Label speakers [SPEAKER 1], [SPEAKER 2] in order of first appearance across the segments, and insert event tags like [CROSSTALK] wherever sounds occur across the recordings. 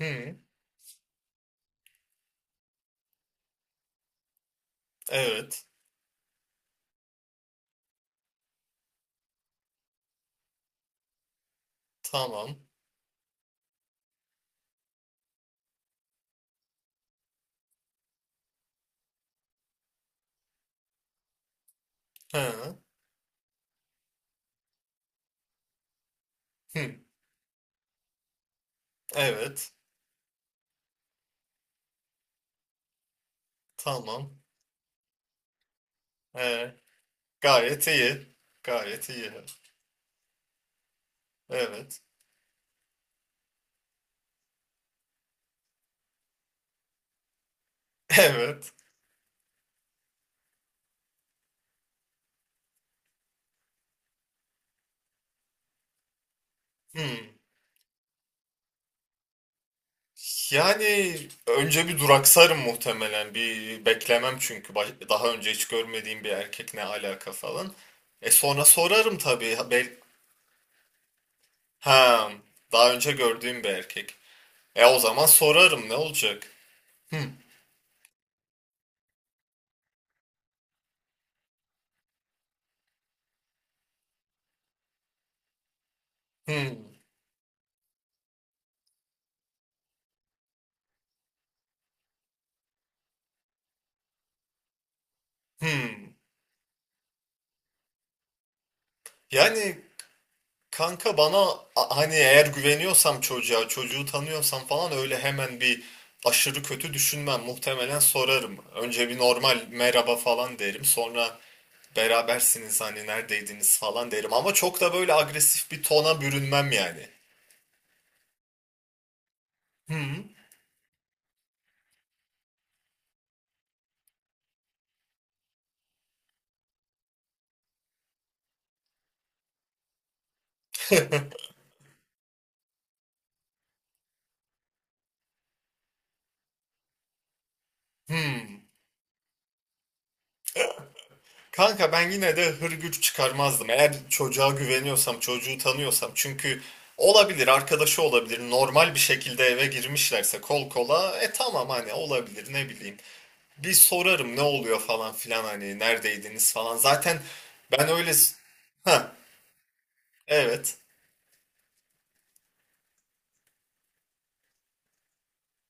[SPEAKER 1] Hı. Evet. Tamam. Hı. Hı. Evet. Tamam. E, gayet iyi. Gayet iyi. Evet. [LAUGHS] Evet. Hı. Yani önce bir duraksarım muhtemelen. Bir beklemem çünkü daha önce hiç görmediğim bir erkek ne alaka falan. Sonra sorarım tabii. Ha, daha önce gördüğüm bir erkek. E o zaman sorarım ne olacak? Hı. Hı. Hı. Yani kanka bana hani eğer güveniyorsam çocuğa, çocuğu tanıyorsam falan öyle hemen bir aşırı kötü düşünmem. Muhtemelen sorarım. Önce bir normal merhaba falan derim. Sonra berabersiniz hani neredeydiniz falan derim. Ama çok da böyle agresif bir tona bürünmem yani. Hmm. [LAUGHS] Hmm. Kanka ben yine de hırgür çıkarmazdım. Eğer çocuğa güveniyorsam, çocuğu tanıyorsam. Çünkü olabilir, arkadaşı olabilir. Normal bir şekilde eve girmişlerse kol kola. Tamam hani olabilir ne bileyim. Bir sorarım ne oluyor falan filan hani neredeydiniz falan. Zaten ben öyle. Ha, evet,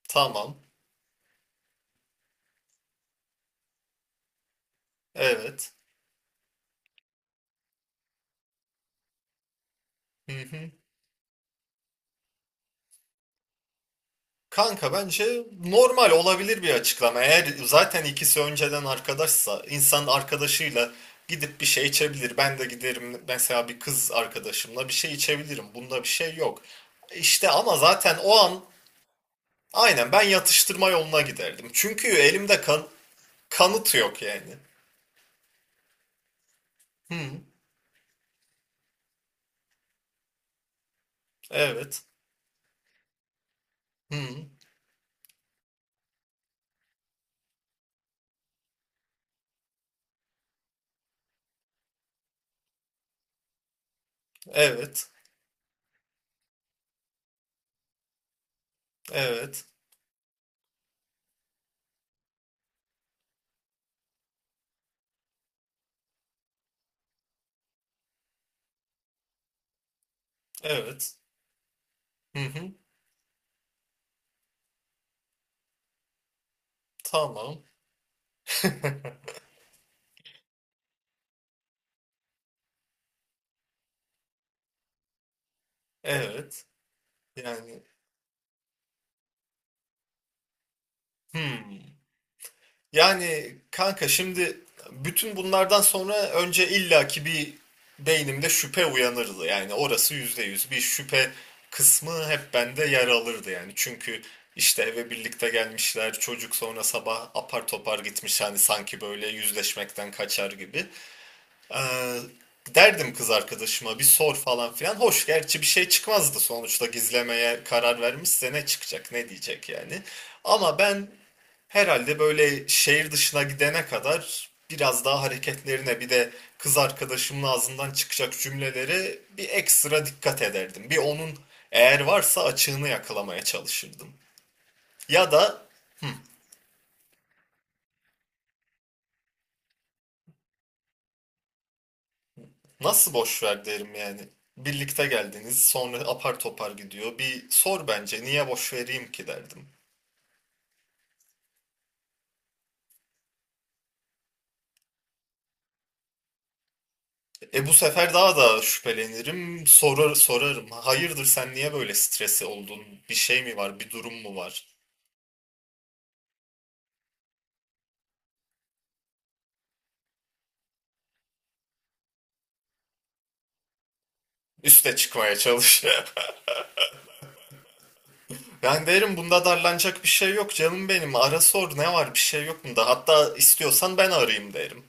[SPEAKER 1] tamam, evet. Hı hı. Kanka bence normal olabilir bir açıklama. Eğer zaten ikisi önceden arkadaşsa insan arkadaşıyla gidip bir şey içebilir. Ben de giderim mesela bir kız arkadaşımla bir şey içebilirim. Bunda bir şey yok. İşte ama zaten o an aynen ben yatıştırma yoluna giderdim. Çünkü elimde kanıt yok yani. Hı, evet. Hı. Evet. Evet. Evet. Hı hı. Tamam. [LAUGHS] Evet. Yani hmm. Yani kanka şimdi bütün bunlardan sonra önce illaki bir beynimde şüphe uyanırdı. Yani orası %100 bir şüphe kısmı hep bende yer alırdı yani. Çünkü işte eve birlikte gelmişler, çocuk sonra sabah apar topar gitmiş hani sanki böyle yüzleşmekten kaçar gibi. Ee, derdim kız arkadaşıma bir sor falan filan. Hoş gerçi bir şey çıkmazdı, sonuçta gizlemeye karar vermişse ne çıkacak, ne diyecek yani. Ama ben herhalde böyle şehir dışına gidene kadar biraz daha hareketlerine bir de kız arkadaşımın ağzından çıkacak cümleleri bir ekstra dikkat ederdim. Bir onun eğer varsa açığını yakalamaya çalışırdım. Ya da Nasıl boş ver derim yani. Birlikte geldiniz, sonra apar topar gidiyor. Bir sor bence, niye boş vereyim ki derdim. Bu sefer daha da şüphelenirim, sorarım. Hayırdır, sen niye böyle stresi oldun? Bir şey mi var, bir durum mu var? Üste çıkmaya çalış. [LAUGHS] Ben derim bunda darlanacak bir şey yok canım benim. Ara sor, ne var bir şey yok bunda. Hatta istiyorsan ben arayayım derim.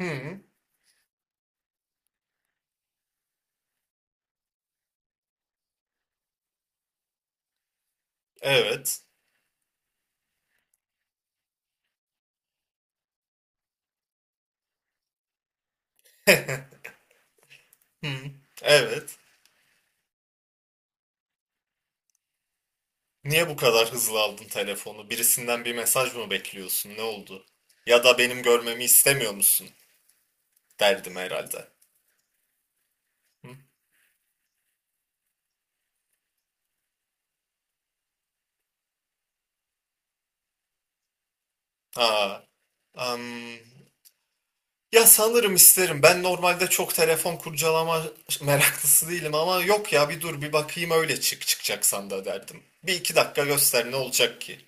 [SPEAKER 1] Hı, evet. Hı, evet. Niye bu kadar hızlı aldın telefonu? Birisinden bir mesaj mı bekliyorsun? Ne oldu? Ya da benim görmemi istemiyor musun? Derdim herhalde. Hı? Aa, am, ya sanırım isterim. Ben normalde çok telefon kurcalama meraklısı değilim ama yok ya, bir dur bir bakayım öyle, çıkacaksan da derdim. Bir iki dakika göster, ne olacak ki?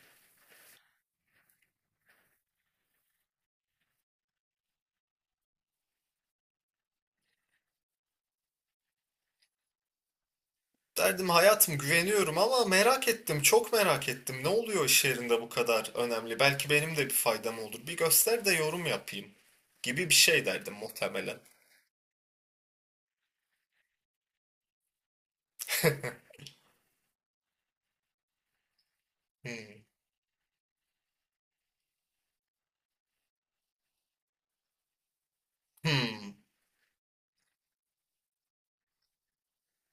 [SPEAKER 1] Derdim hayatım, güveniyorum ama merak ettim, çok merak ettim. Ne oluyor iş yerinde bu kadar önemli? Belki benim de bir faydam olur. Bir göster de yorum yapayım gibi bir şey derdim muhtemelen. Hmm. Hmm.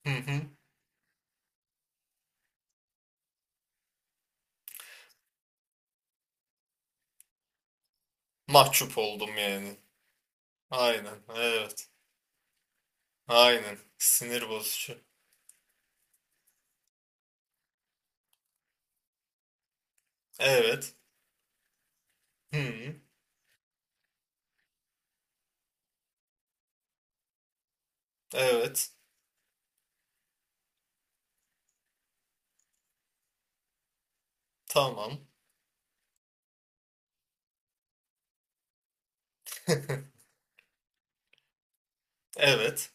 [SPEAKER 1] Hı hı. Mahcup oldum yani. Aynen, evet. Aynen. Sinir bozucu. Evet. Hmm. Evet. Tamam. Evet.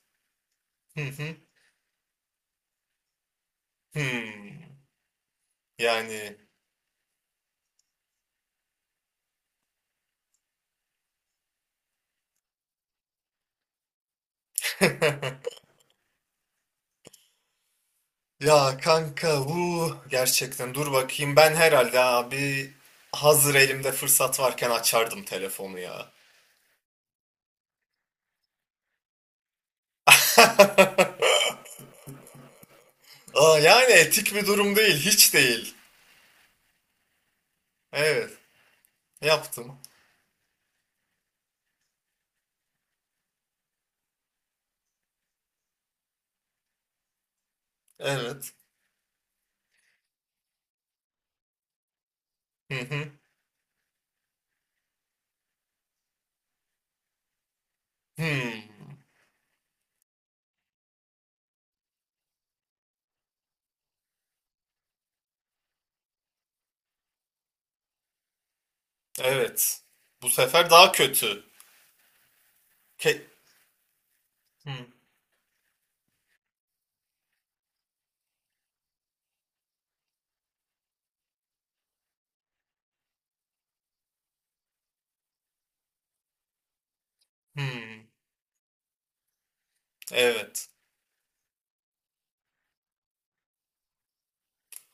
[SPEAKER 1] Hı hı. Hmm. Yani ya kanka bu gerçekten dur bakayım, ben herhalde abi hazır elimde fırsat varken açardım telefonu ya. [LAUGHS] Aa, yani etik bir durum değil, hiç değil. Evet, yaptım. Evet. Hı hı. Hmm. Evet. Bu sefer daha kötü. Ke hmm. Hmm. Evet.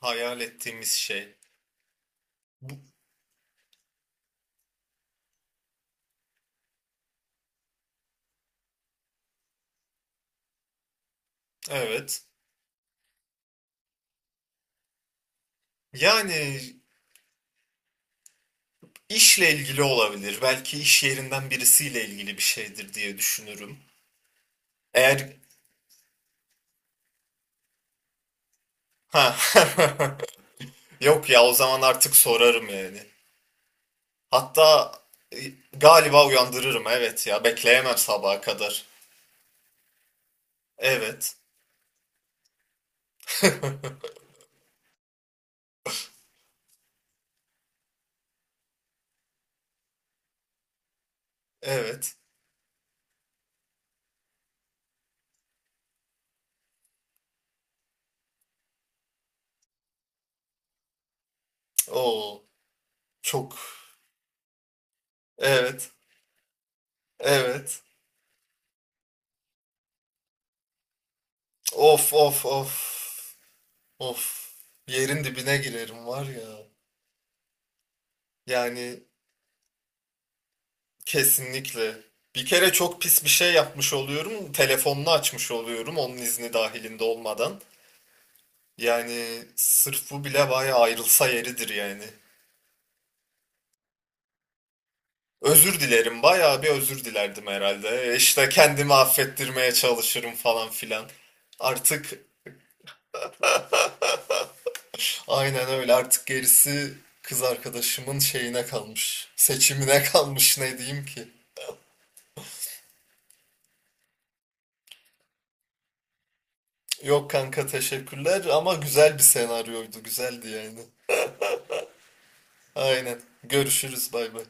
[SPEAKER 1] Hayal ettiğimiz şey. Bu evet. Yani işle ilgili olabilir. Belki iş yerinden birisiyle ilgili bir şeydir diye düşünürüm. Eğer ha [LAUGHS] yok ya, o zaman artık sorarım yani. Hatta e, galiba uyandırırım, evet, ya bekleyemem sabaha kadar. Evet. Evet. Oo, çok. Evet. Evet. Of of of. Of. Yerin dibine girerim var ya. Yani kesinlikle. Bir kere çok pis bir şey yapmış oluyorum. Telefonunu açmış oluyorum onun izni dahilinde olmadan. Yani sırf bu bile bayağı ayrılsa yeridir yani. Özür dilerim, bayağı bir özür dilerdim herhalde. İşte kendimi affettirmeye çalışırım falan filan. Artık aynen öyle, artık gerisi kız arkadaşımın şeyine kalmış. Seçimine kalmış, ne diyeyim ki. Yok kanka, teşekkürler, ama güzel bir senaryoydu, güzeldi yani. Aynen. Görüşürüz, bay bay.